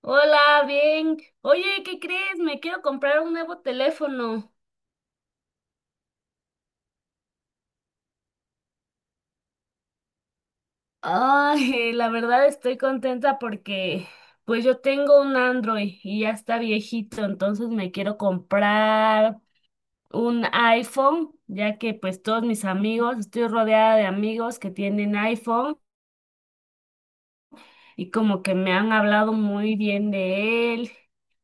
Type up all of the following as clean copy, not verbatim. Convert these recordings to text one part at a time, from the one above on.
Hola, bien. Oye, ¿qué crees? Me quiero comprar un nuevo teléfono. Ay, la verdad estoy contenta porque pues yo tengo un Android y ya está viejito, entonces me quiero comprar un iPhone, ya que pues todos mis amigos, estoy rodeada de amigos que tienen iPhone y como que me han hablado muy bien de él.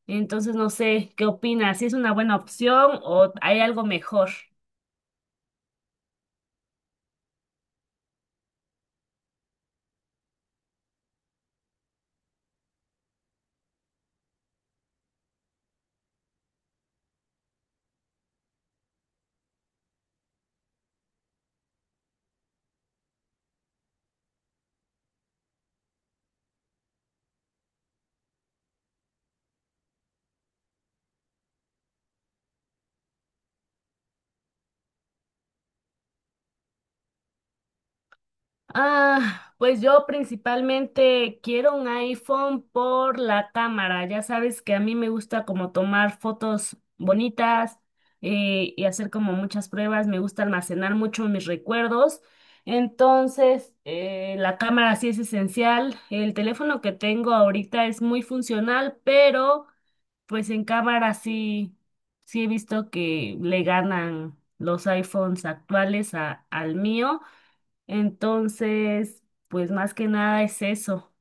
Entonces no sé, ¿qué opinas? ¿Si es una buena opción o hay algo mejor? Ah, pues yo principalmente quiero un iPhone por la cámara. Ya sabes que a mí me gusta como tomar fotos bonitas, y hacer como muchas pruebas. Me gusta almacenar mucho mis recuerdos. Entonces, la cámara sí es esencial. El teléfono que tengo ahorita es muy funcional, pero pues en cámara sí, he visto que le ganan los iPhones actuales al mío. Entonces, pues más que nada es eso.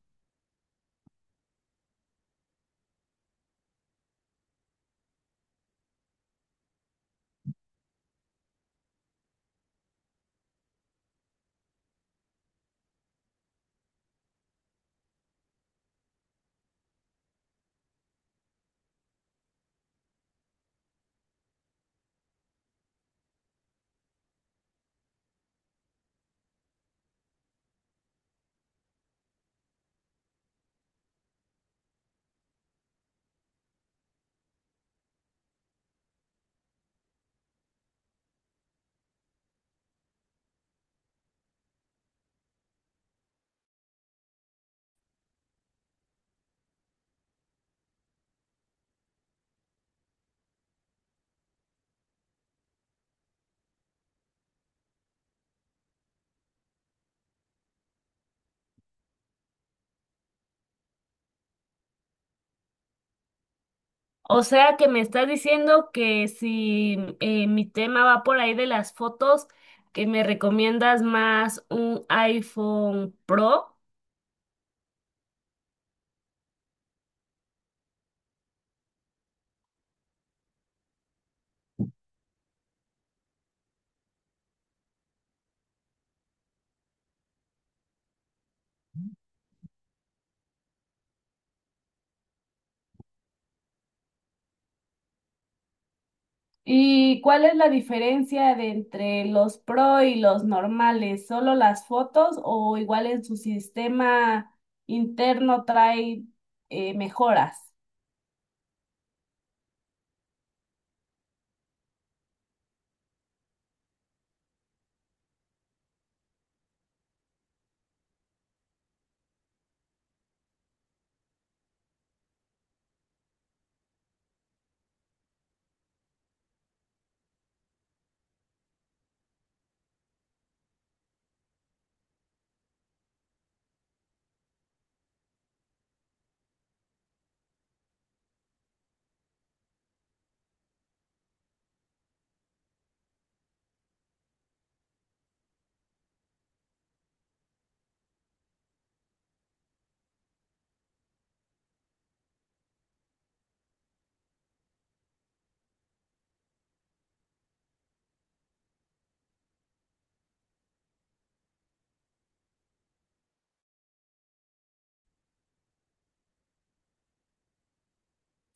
O sea que me estás diciendo que si mi tema va por ahí de las fotos, que me recomiendas más un iPhone Pro. ¿Y cuál es la diferencia de entre los Pro y los normales? ¿Solo las fotos o igual en su sistema interno trae mejoras?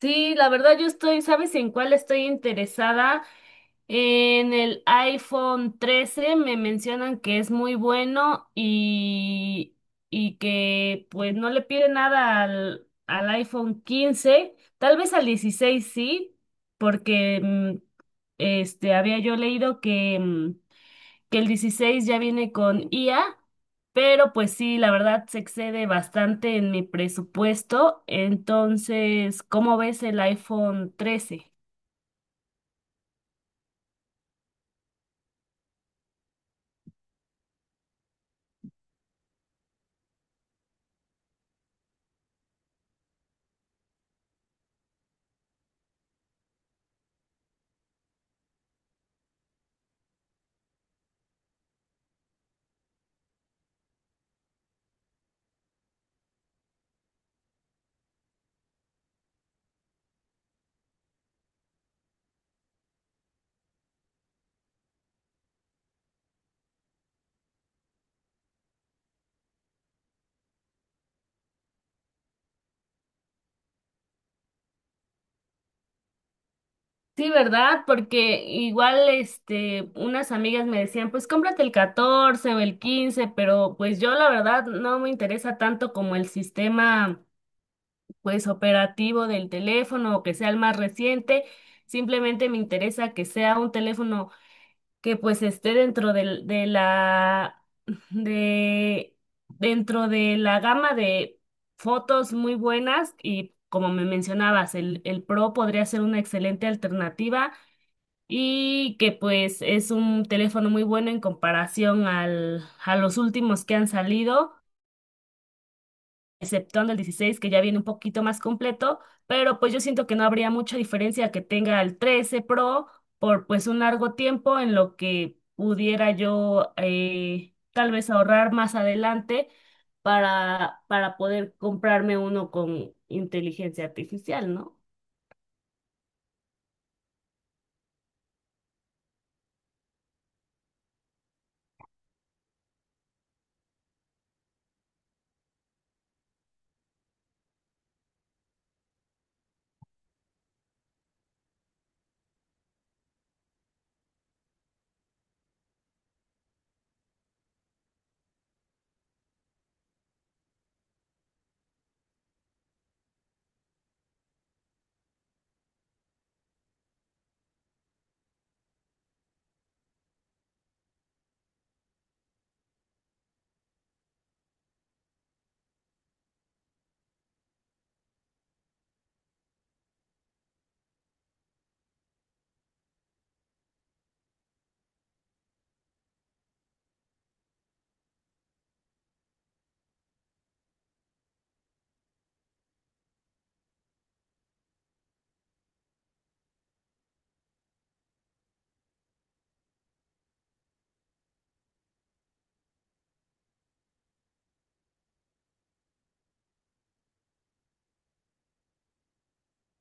Sí, la verdad yo estoy, ¿sabes en cuál estoy interesada? En el iPhone 13 me mencionan que es muy bueno y que pues no le pide nada al iPhone 15, tal vez al 16 sí, porque este había yo leído que, que el 16 ya viene con IA, pero pues sí, la verdad se excede bastante en mi presupuesto, entonces, ¿cómo ves el iPhone 13? Sí, ¿verdad? Porque igual, este, unas amigas me decían, pues cómprate el 14 o el 15, pero pues yo la verdad no me interesa tanto como el sistema, pues, operativo del teléfono o que sea el más reciente. Simplemente me interesa que sea un teléfono que pues esté de, dentro de la gama de fotos muy buenas y como me mencionabas, el Pro podría ser una excelente alternativa y que pues es un teléfono muy bueno en comparación a los últimos que han salido, exceptuando el 16 que ya viene un poquito más completo, pero pues yo siento que no habría mucha diferencia que tenga el 13 Pro por pues un largo tiempo en lo que pudiera yo tal vez ahorrar más adelante para poder comprarme uno con inteligencia artificial, ¿no?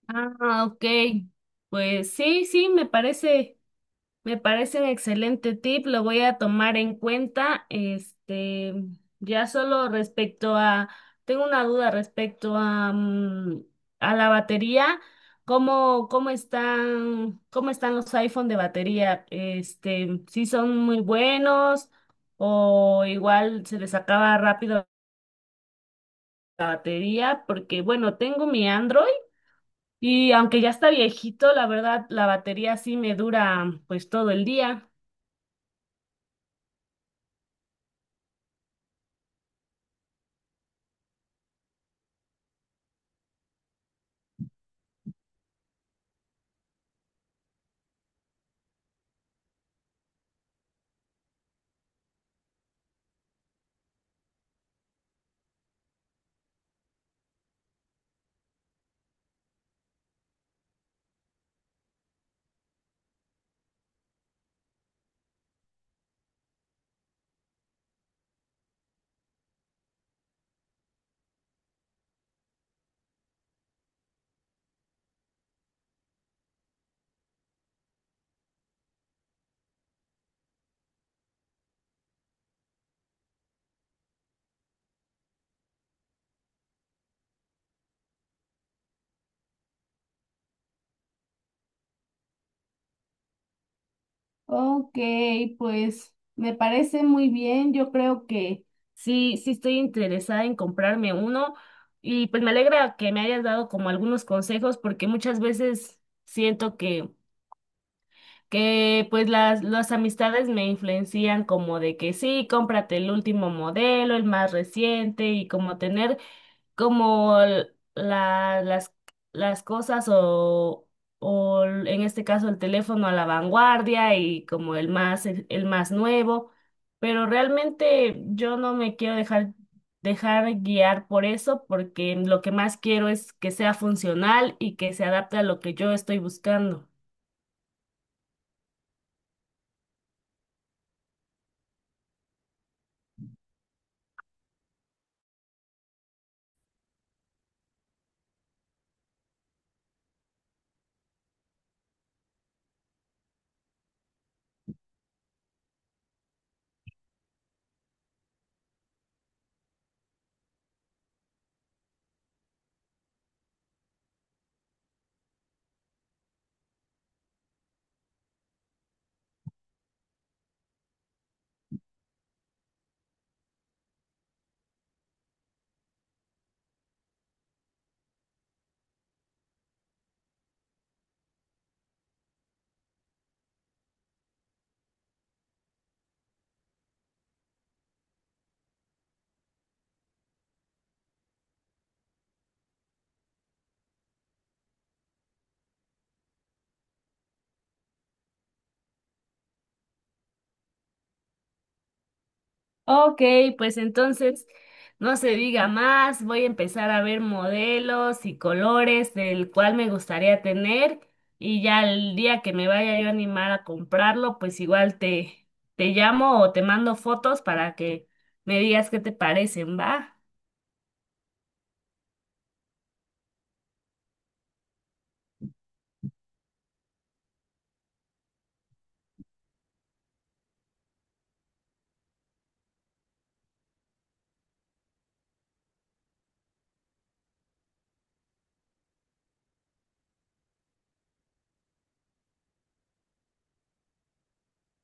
Ah, ok. Pues me parece. Me parece un excelente tip, lo voy a tomar en cuenta. Este, ya solo tengo una duda respecto a, a la batería. ¿Cómo cómo están los iPhone de batería? Este, ¿si son muy buenos o igual se les acaba rápido la batería? Porque bueno, tengo mi Android y aunque ya está viejito, la verdad, la batería sí me dura pues todo el día. Ok, pues me parece muy bien. Yo creo que sí, estoy interesada en comprarme uno y pues me alegra que me hayas dado como algunos consejos porque muchas veces siento que pues las amistades me influencian como de que sí, cómprate el último modelo, el más reciente y como tener como la- las, las cosas o en este caso el teléfono a la vanguardia y como el más, el más nuevo, pero realmente yo no me quiero dejar guiar por eso porque lo que más quiero es que sea funcional y que se adapte a lo que yo estoy buscando. Ok, pues entonces no se diga más, voy a empezar a ver modelos y colores del cual me gustaría tener y ya el día que me vaya yo a animar a comprarlo, pues igual te llamo o te mando fotos para que me digas qué te parecen, ¿va?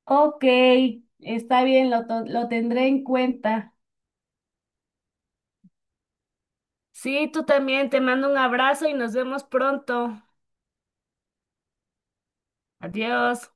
Ok, está bien, lo tendré en cuenta. Sí, tú también, te mando un abrazo y nos vemos pronto. Adiós.